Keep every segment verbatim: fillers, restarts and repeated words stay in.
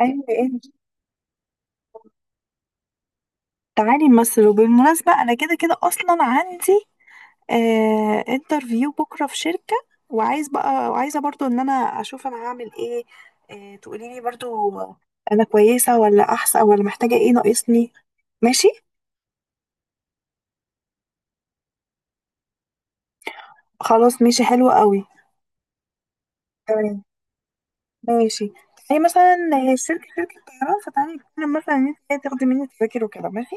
ايوه، انت. تعالي نمثل، وبالمناسبة انا كده كده اصلا عندي آه انترفيو بكرة في شركة، وعايز بقى وعايزة برضو ان انا اشوف انا هعمل ايه. آه تقولي لي برضو انا كويسة ولا احسن، ولا محتاجة ايه، ناقصني. ماشي. خلاص، ماشي، حلو قوي. تمام. ماشي. تعالي مثلا. آه، الشركة شركة طيران، فتعالي نتكلم مثلا ان انت تاخدي مني تذاكر وكده. ماشي،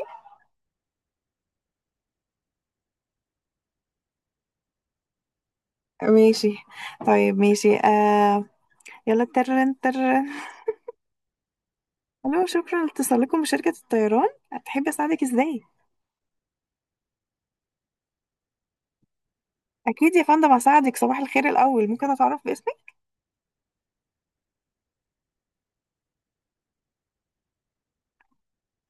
ماشي. طيب، ماشي. آه يلا، ترن ترن. الو، شكرا لاتصالكم بشركة الطيران، هتحب اساعدك ازاي؟ اكيد يا فندم هساعدك. صباح الخير. الاول، ممكن اتعرف باسمك؟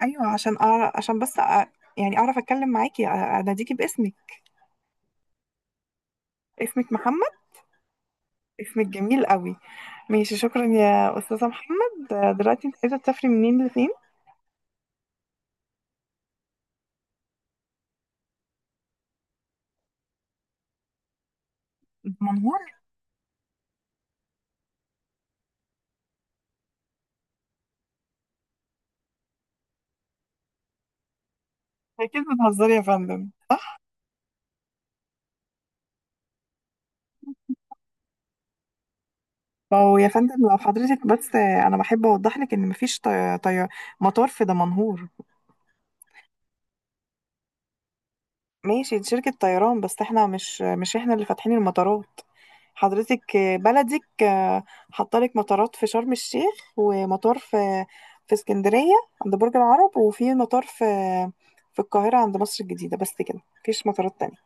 ايوه، عشان أعرف، عشان بس أ... يعني اعرف اتكلم معاكي، أ- اناديكي باسمك. اسمك محمد؟ اسمك جميل قوي. ماشي، شكرا يا استاذة محمد. آه، دلوقتي انت عايزة تسافري منين لفين؟ منهور؟ اكيد بتهزري يا فندم، صح؟ فهو يا فندم، لو حضرتك بس، آه، انا بحب اوضح لك ان مفيش طي... طي... مطار في دمنهور. ماشي، دي شركة طيران بس احنا مش مش احنا اللي فاتحين المطارات، حضرتك، بلدك. حطلك مطارات في شرم الشيخ، ومطار في في اسكندرية عند برج العرب، وفي مطار في في القاهرة عند مصر الجديدة. بس كده، مفيش مطارات تانية.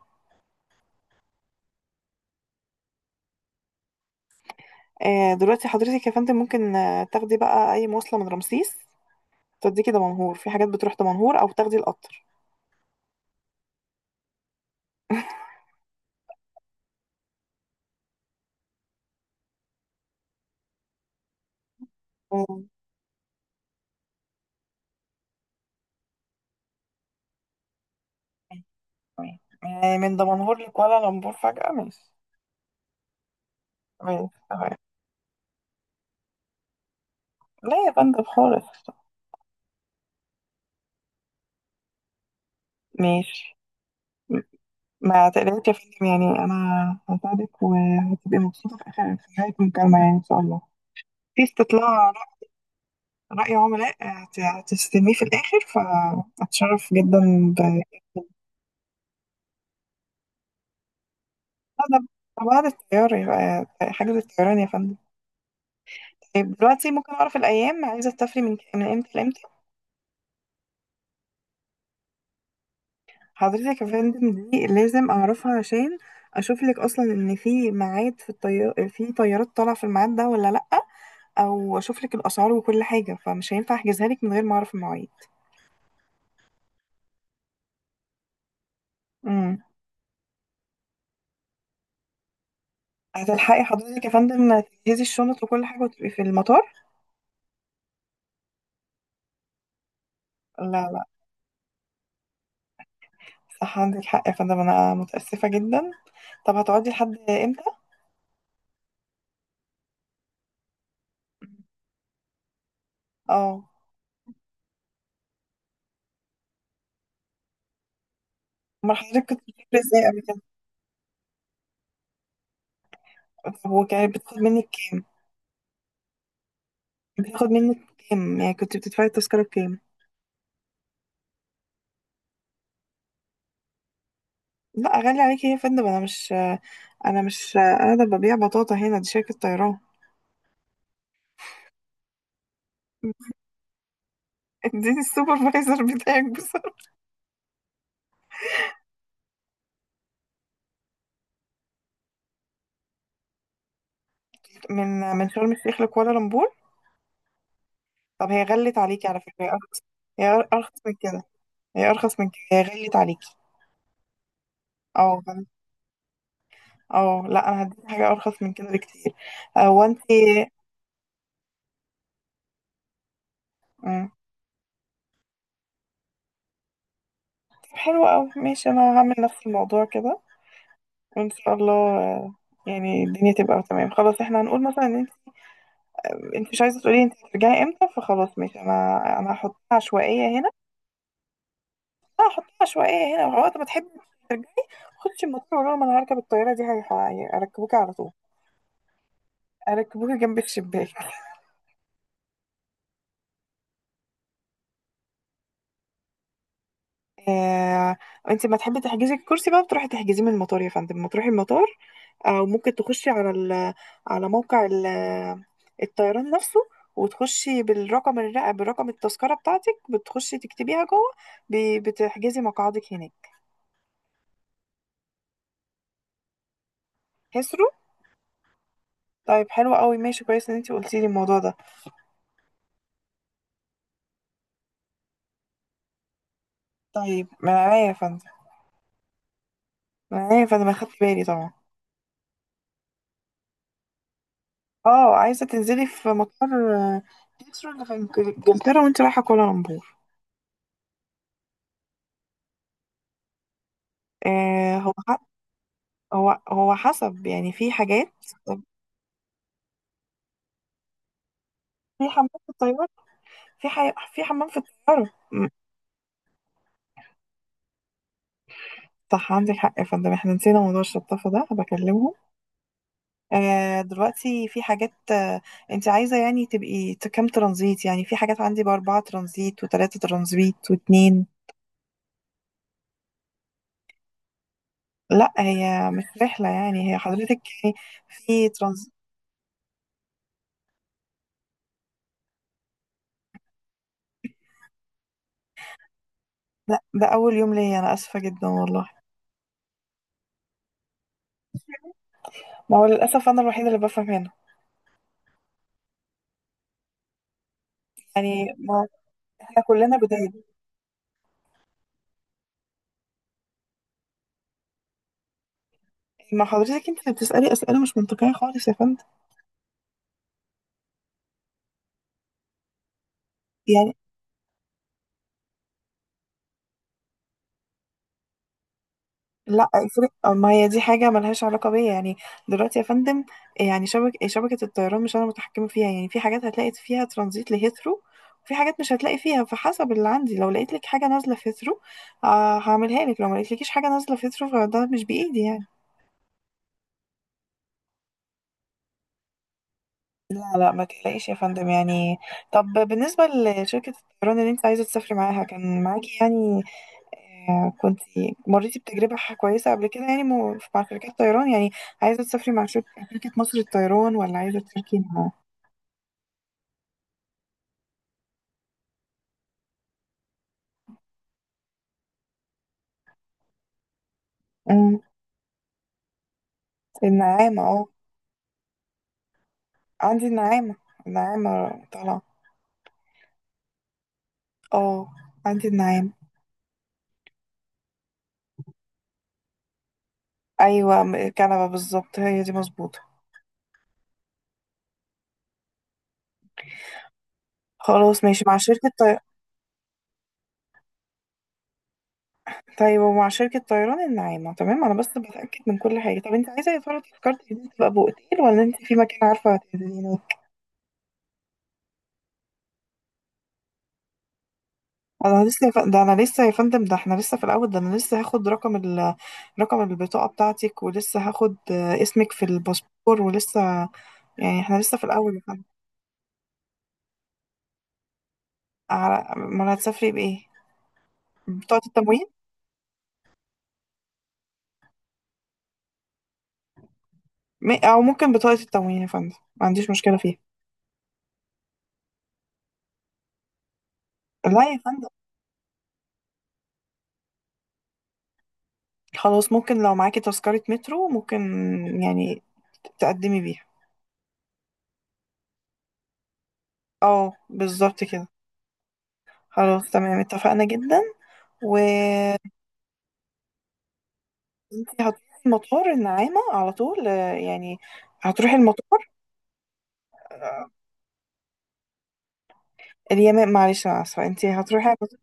آه، دلوقتي حضرتك يا فندم ممكن آه، تاخدي بقى أي مواصلة من رمسيس توديكي دمنهور، في حاجات بتروح دمنهور، أو تاخدي القطر. مم. تمام. يعني من دمنهور لكوالا لمبور فجأة؟ ماشي، ماشي، تمام. لا يا فندم خالص. ماشي. ما تقلقش يا فندم، يعني انا هساعدك، وهتبقي مبسوطه في اخر، في نهايه المكالمه يعني ان شاء الله. في استطلاع رأ- رأي عملاء هت- هتستلميه في الاخر، فاتشرف جدا ب هذا. بعد الطيار يبقى حجز الطيران يا فندم. طيب، دلوقتي ممكن اعرف الايام عايزه تسافري من من امتى لامتى؟ حضرتك يا فندم دي لازم اعرفها عشان اشوف لك اصلا ان في ميعاد، في الطيار، في طيارات طالعه في الميعاد ده ولا لا، او اشوف لك الاسعار وكل حاجه، فمش هينفع احجزها لك من غير ما اعرف المواعيد. امم. هتلحقي حضرتك يا فندم تجهزي الشنط وكل حاجة وتبقي في المطار؟ لا، لا. صح، عندك حق يا فندم، أنا متأسفة جدا. طب هتقعدي لحد إمتى؟ اه. أمال حضرتك كنت بتفكري إزاي قبل كده؟ طب وكانت بتاخد منك كام؟ بتاخد منك كام؟ يعني كنت بتدفعي التذكرة بكام؟ لا، غالي عليكي يا فندم؟ أنا مش أنا مش قاعدة ببيع بطاطا هنا، دي شركة طيران. اديني السوبرفايزر بتاعك بسرعة. من من شرم الشيخ لكوالالمبور؟ طب هي غلت عليكي على فكرة، هي أرخص. هي أرخص من كده هي ارخص من كده، هي غليت عليكي. اه غل- اه لا، انا هديكي حاجه ارخص من كده بكتير. هو انت طب، حلو قوي، ماشي، انا هعمل نفس الموضوع كده، وان شاء الله آه، يعني الدنيا تبقى تمام. خلاص، احنا هنقول مثلا ان انت انت مش عايزه تقولي انت هترجعي امتى، فخلاص، ماشي، انا انا هحطها عشوائيه هنا. لا، هحطها عشوائيه هنا، وقت ما تحبي ترجعي خدش المطار وقولي لهم انا هركب الطياره دي، هيح- هيركبوكي على طول، اركبوكي جنب الشباك. آه، انت ما تحبي تحجزي الكرسي بقى، بتروحي تحجزيه من المطار يا فندم، ما تروحي المطار، او ممكن تخشي على ال على موقع ال الطيران نفسه، وتخشي بالرقم الرق برقم التذكرة بتاعتك، بتخشي تكتبيها جوه، ب- بتحجزي مقعدك هناك. كسروا. طيب، حلو قوي، ماشي، كويس ان انت قلتي لي الموضوع ده. طيب، من عينيا يا فندم من عينيا يا فندم، اخدت بالي طبعا. اه، عايزة تنزلي في مطار، آه، كسرو اللي في انجلترا، وانت رايحة كوالالمبور. آه، هو هو هو حسب يعني، في حاجات. في حمام في الطيارة، في حي... في حمام في الطيارة. م، صح، عندك حق يا فندم، احنا نسينا موضوع الشطافة ده، بكلمهم. آه دلوقتي في حاجات. آه انت عايزة يعني تبقي ت- كام ترانزيت؟ يعني في حاجات عندي بأربعة ترانزيت، وتلاتة ترانزيت، واتنين. لا، هي مش رحلة يعني، هي حضرتك يعني في ترانزيت. لا، ده أول يوم ليا، أنا آسفة جدا والله. ما هو للأسف أنا الوحيدة اللي بفهم هنا، يعني ما احنا كلنا جداد. ما حضرتك انت اللي بتسألي أسئلة مش منطقية خالص يا فندم يعني. لا افرق، ما هي دي حاجة ملهاش علاقة بيا يعني. دلوقتي يا فندم، يعني شبك شبكة الطيران مش أنا متحكمة فيها يعني، في حاجات هتلاقي فيها ترانزيت لهيثرو، وفي حاجات مش هتلاقي فيها. فحسب اللي عندي، لو لقيت لك حاجة نازلة في هيثرو آه هعملها لك، لو ما لقيتلكيش حاجة نازلة في هيثرو فده مش بإيدي يعني. لا، لا، ما تقلقيش يا فندم يعني. طب بالنسبة لشركة الطيران اللي انت عايزة تسافري معاها، كان معاكي يعني آه، كنت مريتي بتجربة ح- كويسة قبل كده يعني، مو- مع شركات طيران يعني؟ عايزة تسافري مع شركة شركة مصر للطيران، ولا عايزة تسافري مع... مم. النعامة؟ اه، عندي النعامة، النعامة طالعة. اه، عندي النعامة. أيوة، م- كنبة بالظبط، هي دي مظبوطة. خلاص، ماشي، مع شركة طي... طيب، ومع شركة طيران النعامة تمام. أنا بس بتأكد من كل حاجة. طب أنت عايزة يا ترى تذكرتي دي تبقى بأوتيل، ولا أنت في مكان عارفة هتنزلي؟ انا لسه يا ف... ده انا لسه يا فندم، ده احنا لسه في الاول، ده انا لسه هاخد رقم ال... رقم البطاقة بتاعتك، ولسه هاخد آه، اسمك في الباسبور، ولسه يعني احنا لسه في الاول يا فندم. على ما أنا، هتسافري بايه؟ بطاقة التموين؟ م... او ممكن بطاقة التموين يا فندم، ما عنديش مشكلة فيها. لا يا فندم، خلاص، ممكن لو معاكي تذكرة مترو، ممكن يعني تقدمي بيها. اه، بالظبط كده. خلاص، تمام، اتفقنا جدا. و... انت هتروحي المطار النعامة على طول. آه، يعني هتروحي المطار. آه، اليمن، معلش انا اسفة، انت هتروحي على المطار-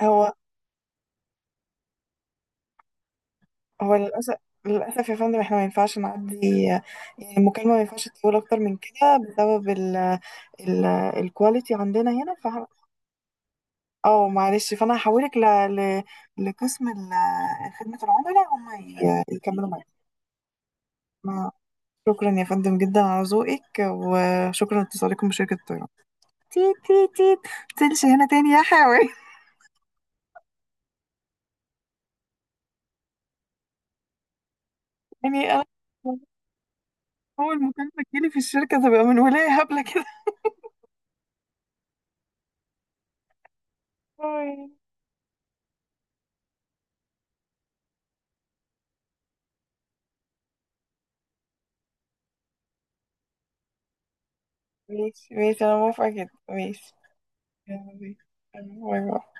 هو هو للأسف، للأسف يا فندم احنا ما ينفعش نعدي. آه، يعني المكالمة ما ينفعش تطول أكتر من كده بسبب ال ال الكواليتي عندنا هنا فه... اه، معلش، فأنا هحولك ل... ل... لقسم ال- خدمة العملاء، هم ي- يكملوا معاك. ما- شكرا يا فندم جدا على ذوقك، وشكرا لاتصالكم بشركة الطيران. تيت تيت تيت. تنش هنا تاني يا حيوان. يعني أنا أول مكالمة تجيلي في الشركة تبقى من ولاية هبلة كده، أوي. ماشي، ماشي، أنا موافقة جدا، ماشي. يلا بينا. باي باي.